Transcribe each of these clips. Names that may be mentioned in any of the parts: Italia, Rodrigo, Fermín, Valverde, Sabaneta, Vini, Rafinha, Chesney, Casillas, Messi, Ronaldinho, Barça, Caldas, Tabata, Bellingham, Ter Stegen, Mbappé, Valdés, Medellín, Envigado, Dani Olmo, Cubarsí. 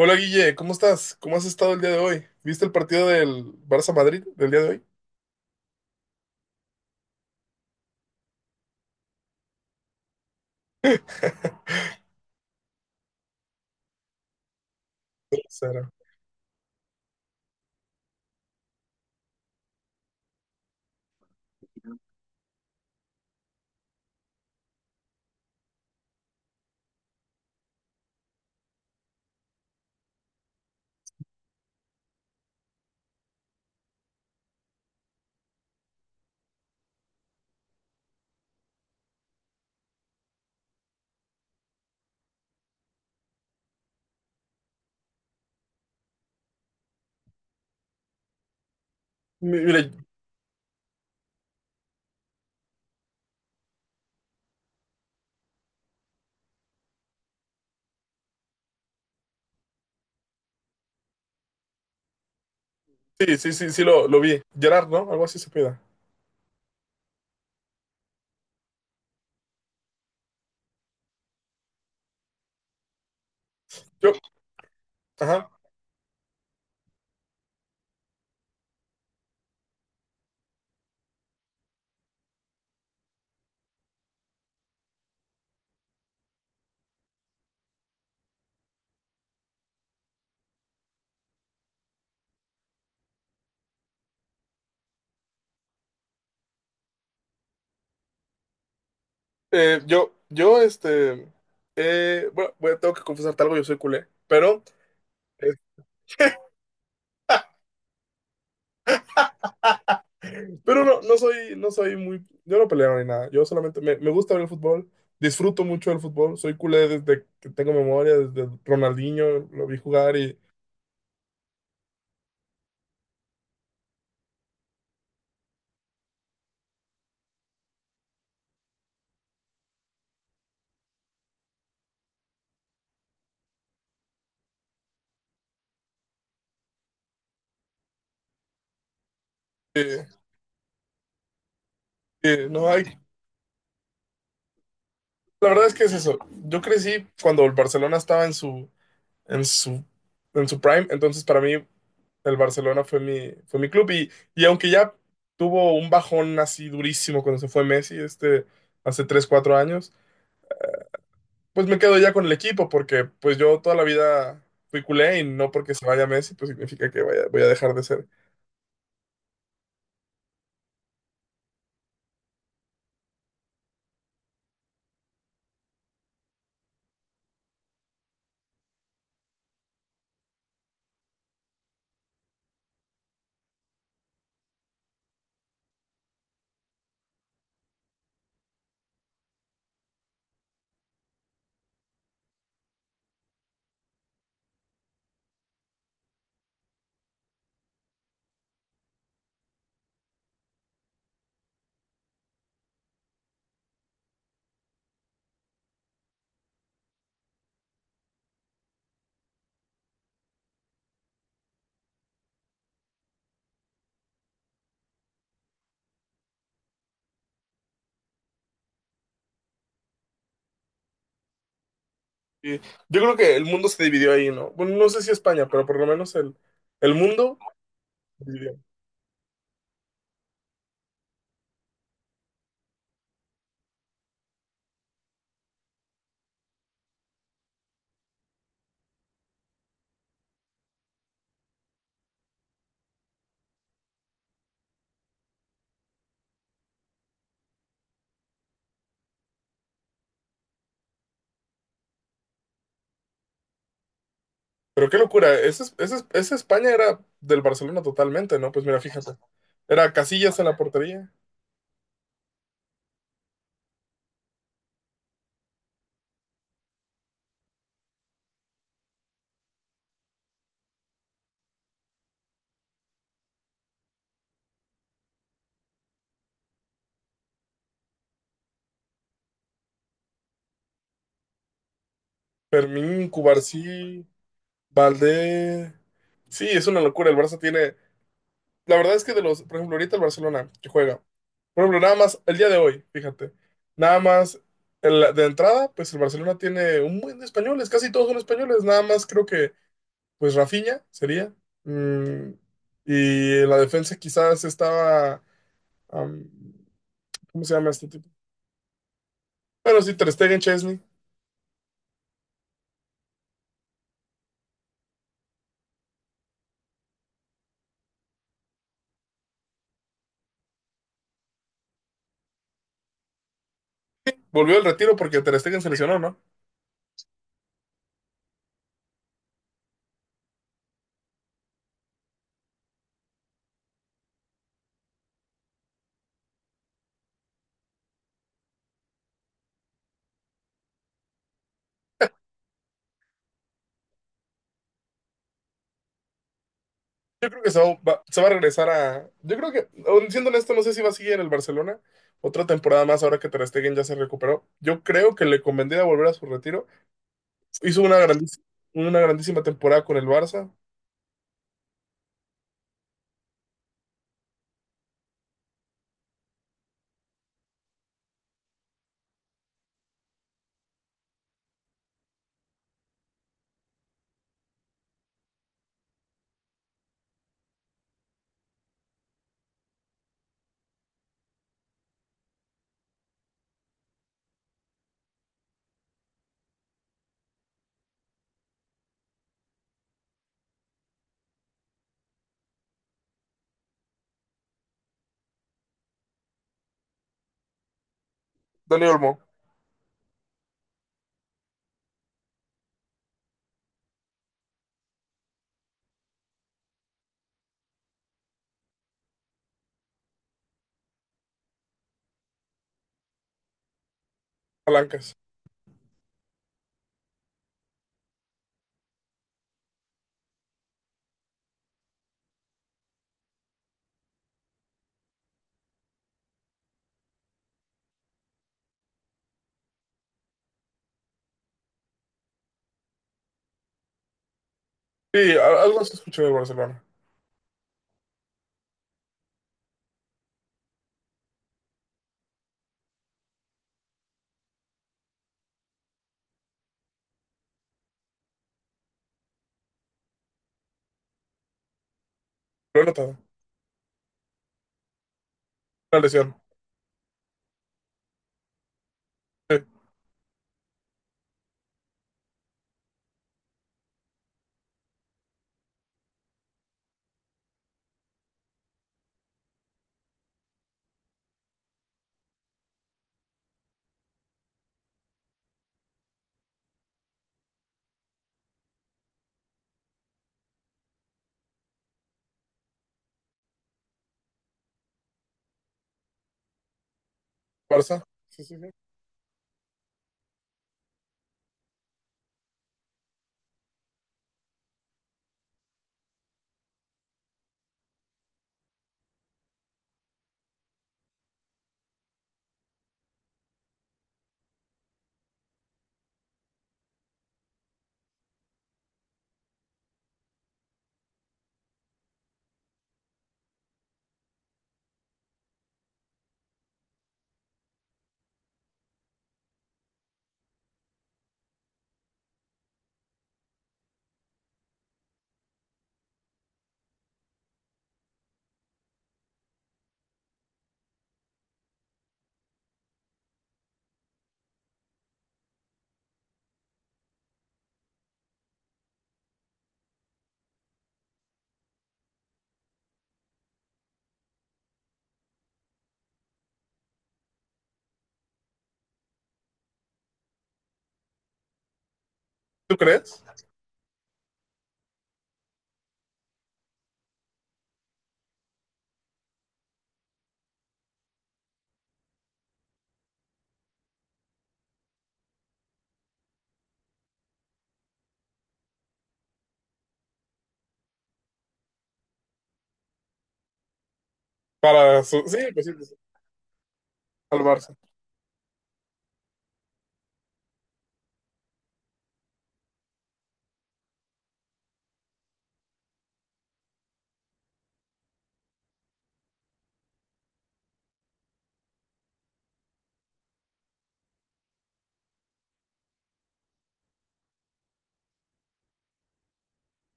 Hola Guille, ¿cómo estás? ¿Cómo has estado el día de hoy? ¿Viste el partido del Barça Madrid del día de hoy? Cero. Mire, sí, sí, sí, lo vi. Gerard, ¿no? Algo así se pida. Yo, ajá. Eh, yo, yo, este, bueno, tengo que confesarte algo, yo soy culé, pero, eh, pero no soy, no soy muy, yo no peleo ni nada. Yo solamente me gusta ver el fútbol, disfruto mucho del fútbol, soy culé desde que tengo memoria, desde Ronaldinho, lo vi jugar eh, no hay, la verdad es que es eso. Yo crecí cuando el Barcelona estaba en su, en su prime, entonces para mí el Barcelona fue mi club y aunque ya tuvo un bajón así durísimo cuando se fue Messi, hace tres 4 años, pues me quedo ya con el equipo porque pues yo toda la vida fui culé y no porque se vaya Messi, pues significa voy a dejar de ser. Y yo creo que el mundo se dividió ahí, ¿no? Bueno, no sé si España, pero por lo menos el mundo. Pero qué locura, ese España era del Barcelona totalmente, ¿no? Pues mira, fíjate, era Casillas en la portería, Fermín, Cubarsí, Valdés. Sí, es una locura, el Barça tiene... La verdad es que de los, por ejemplo, ahorita el Barcelona que juega, por ejemplo, nada más el día de hoy, fíjate, nada más de entrada, pues el Barcelona tiene un buen de españoles, casi todos son españoles, nada más creo que, pues Rafinha sería. mm, y en la defensa quizás estaba... am, ¿Cómo se llama este? Pero sí, Ter Stegen, Chesney. Volvió al retiro porque Ter Stegen se lesionó, ¿no? Yo creo que se va, se va a regresar a... Yo creo que, siendo honesto, no sé si va a seguir en el Barcelona otra temporada más ahora que Ter Stegen ya se recuperó. Yo creo que le convendría volver a su retiro. Hizo una grandísima, una grandísima temporada con el Barça. Dani Olmo, palancas. Sí, algo se escuchó del Barcelona. Lo he notado. Una lesión. Sí, Barça. Sí, sí, sí. ¿Tú crees? Para su... Sí, pues sí, pues sí, al Barça.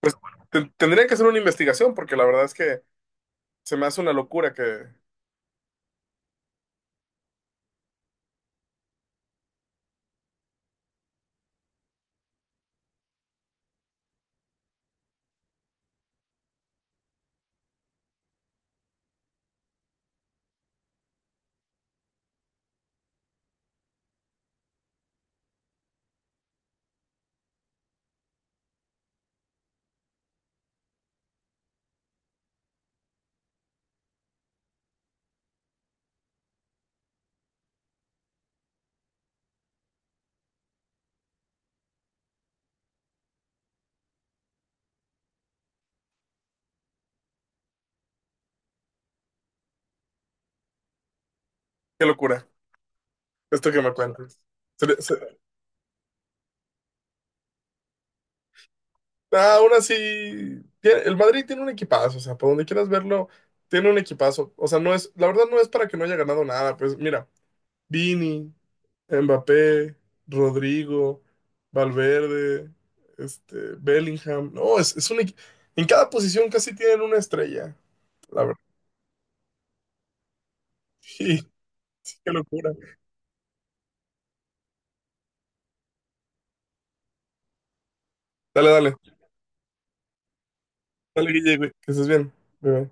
Pues, tendría que hacer una investigación porque la verdad es que se me hace una locura que... Qué locura, esto que me cuentas. Se le- se- Ah, aún así, el Madrid tiene un equipazo, o sea, por donde quieras verlo, tiene un equipazo. O sea, no es, la verdad no es para que no haya ganado nada, pues mira, Vini, Mbappé, Rodrigo, Valverde, Bellingham, no, es en cada posición casi tienen una estrella, la verdad. Sí, qué locura. Dale, dale, Dale, Guille, güey, que estés bien. Bye, bye.